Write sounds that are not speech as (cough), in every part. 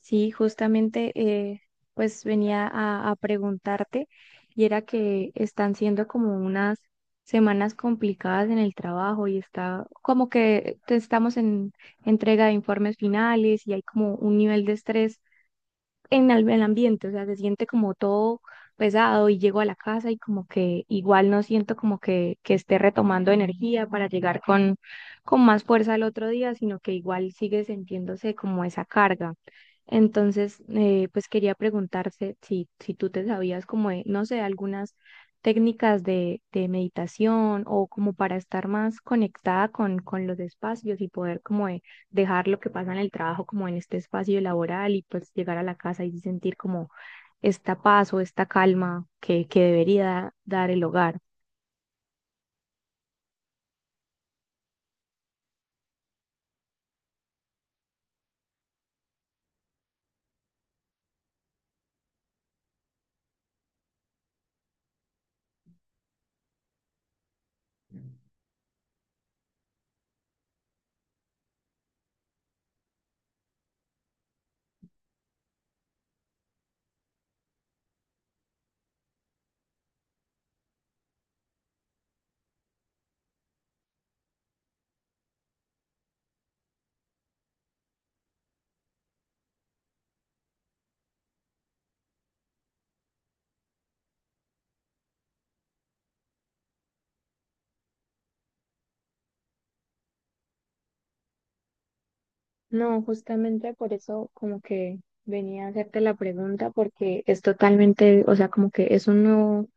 Sí, justamente pues venía a preguntarte y era que están siendo como unas semanas complicadas en el trabajo y está como que estamos en entrega de informes finales y hay como un nivel de estrés en el ambiente, o sea, se siente como todo pesado y llego a la casa y como que igual no siento como que esté retomando energía para llegar con más fuerza al otro día, sino que igual sigue sintiéndose como esa carga. Entonces, pues quería preguntarte si tú te sabías como, de, no sé, algunas técnicas de meditación o como para estar más conectada con los espacios y poder como de dejar lo que pasa en el trabajo como en este espacio laboral y pues llegar a la casa y sentir como esta paz o esta calma que debería dar el hogar. No, justamente por eso como que venía a hacerte la pregunta porque es totalmente, o sea, como que es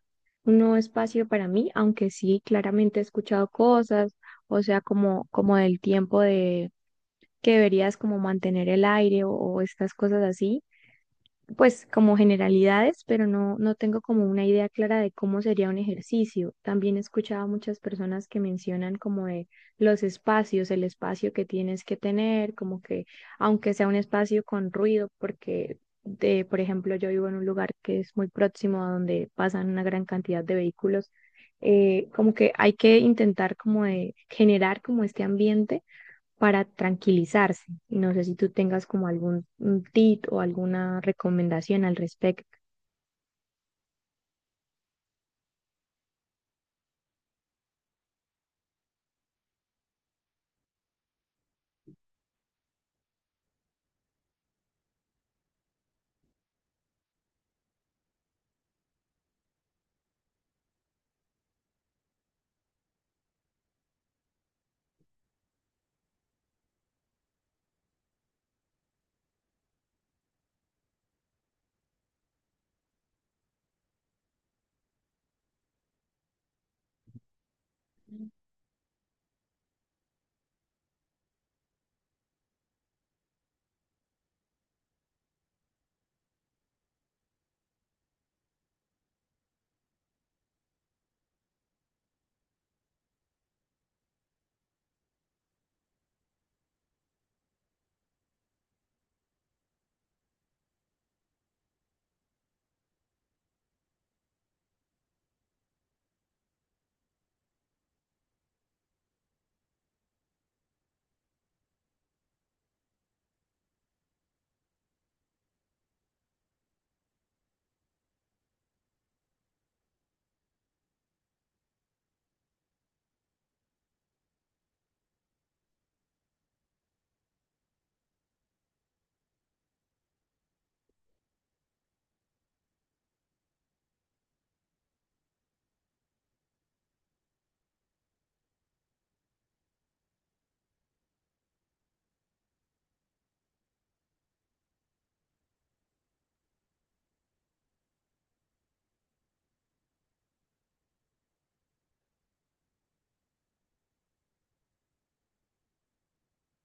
un nuevo espacio para mí, aunque sí, claramente he escuchado cosas, o sea, como, como del tiempo de que deberías como mantener el aire o estas cosas así, pues como generalidades, pero no, no tengo como una idea clara de cómo sería un ejercicio. También he escuchado a muchas personas que mencionan como de los espacios, el espacio que tienes que tener, como que aunque sea un espacio con ruido, porque de, por ejemplo, yo vivo en un lugar que es muy próximo a donde pasan una gran cantidad de vehículos, como que hay que intentar como de generar como este ambiente para tranquilizarse. No sé si tú tengas como algún un tip o alguna recomendación al respecto.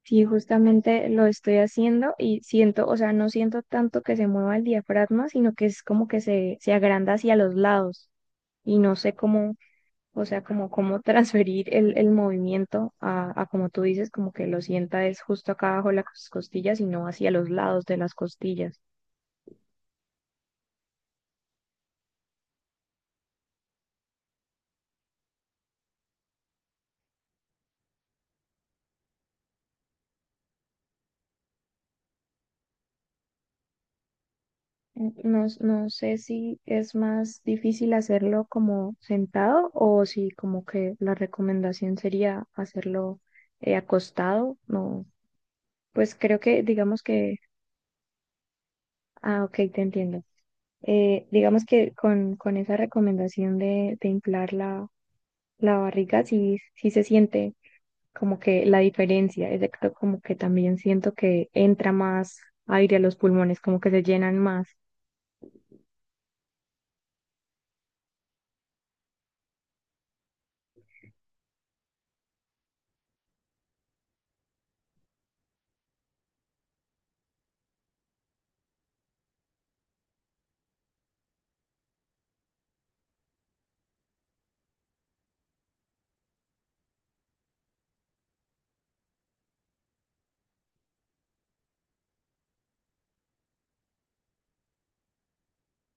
Sí, justamente lo estoy haciendo y siento, o sea, no siento tanto que se mueva el diafragma, sino que es como que se agranda hacia los lados y no sé cómo, o sea, como cómo (laughs) transferir el movimiento a, como tú dices, como que lo sienta es justo acá abajo de las costillas y no hacia los lados de las costillas. No, no sé si es más difícil hacerlo como sentado o si como que la recomendación sería hacerlo acostado. No, pues creo que digamos que, ah, ok, te entiendo. Digamos que con esa recomendación de inflar la, la barriga sí, sí se siente como que la diferencia, es de excepto como que también siento que entra más aire a los pulmones, como que se llenan más.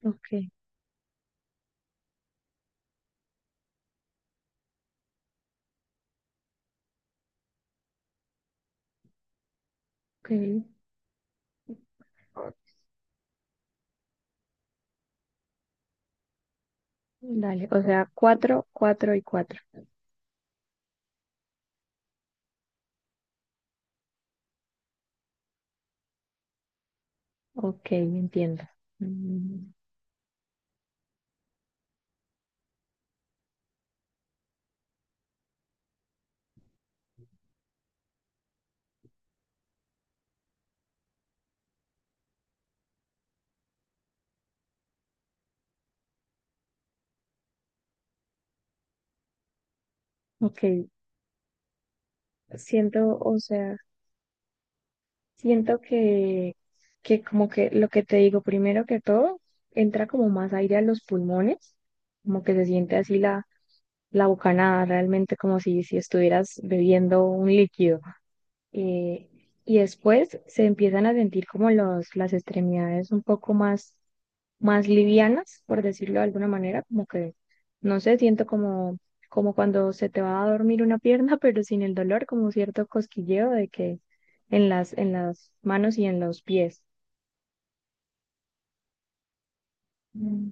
Ok, ok. Dale, o sea, cuatro, cuatro y cuatro. Ok, entiendo. Mm, ok, siento, o sea, siento que como que lo que te digo, primero que todo, entra como más aire a los pulmones, como que se siente así la, la bocanada, realmente como si, si estuvieras bebiendo un líquido. eh, y después se empiezan a sentir como los, las extremidades un poco más, más livianas, por decirlo de alguna manera, como que, no sé, siento como, como cuando se te va a dormir una pierna, (laughs) pero sin el dolor, como cierto cosquilleo de que en las manos y en los pies. Mm,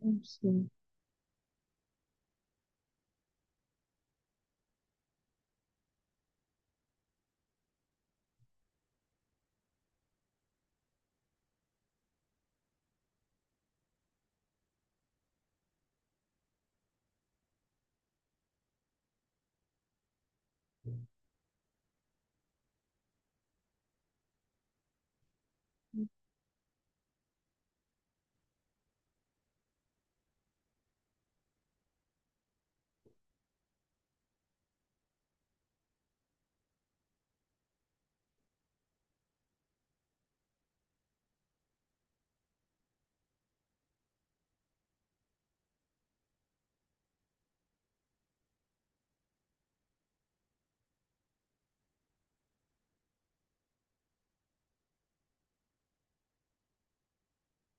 mm, sí.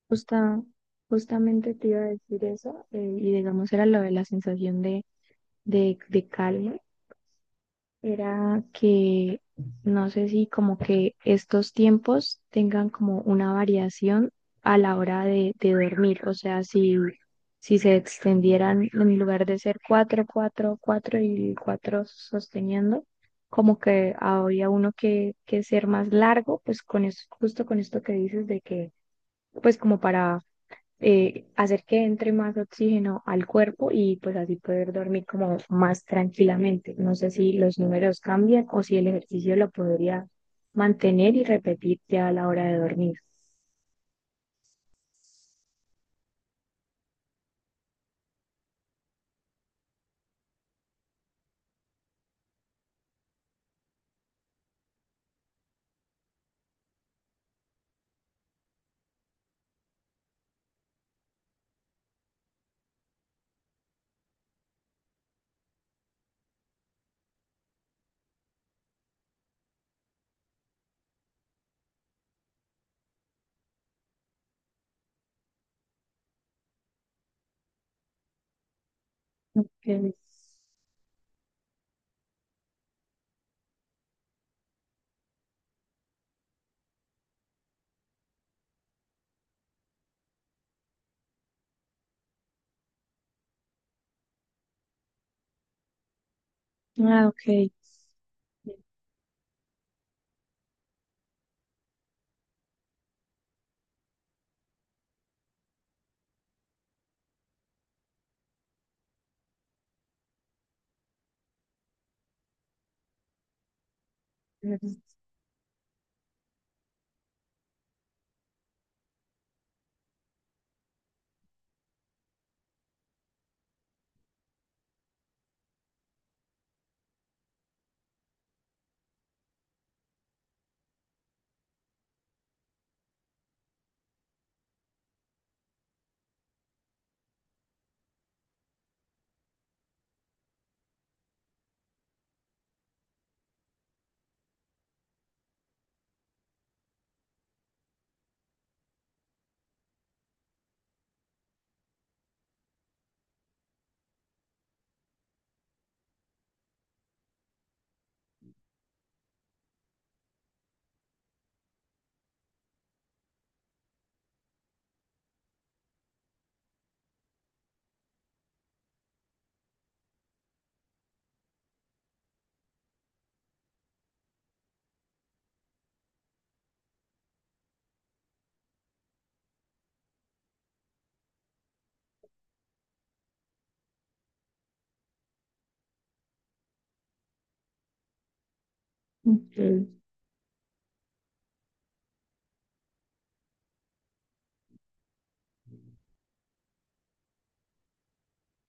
Justa- Justamente te iba a decir eso, y digamos era lo de la sensación de calma era que no sé si como que estos tiempos tengan como una variación a la hora de dormir, o sea, si, si se extendieran en lugar de ser cuatro, cuatro, cuatro y cuatro sosteniendo, como que habría uno que ser más largo, pues con justo con esto que dices de que, pues como para hacer que entre más oxígeno al cuerpo y pues así poder dormir como más tranquilamente. No sé si los números cambian o si el ejercicio lo podría mantener y repetir ya a la hora de dormir. Ok. Ah, ok. Ok.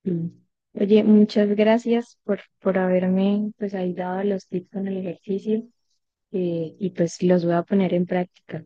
Mm. Oye, muchas gracias por haberme pues ahí dado los tips con el ejercicio y pues los voy a poner en práctica.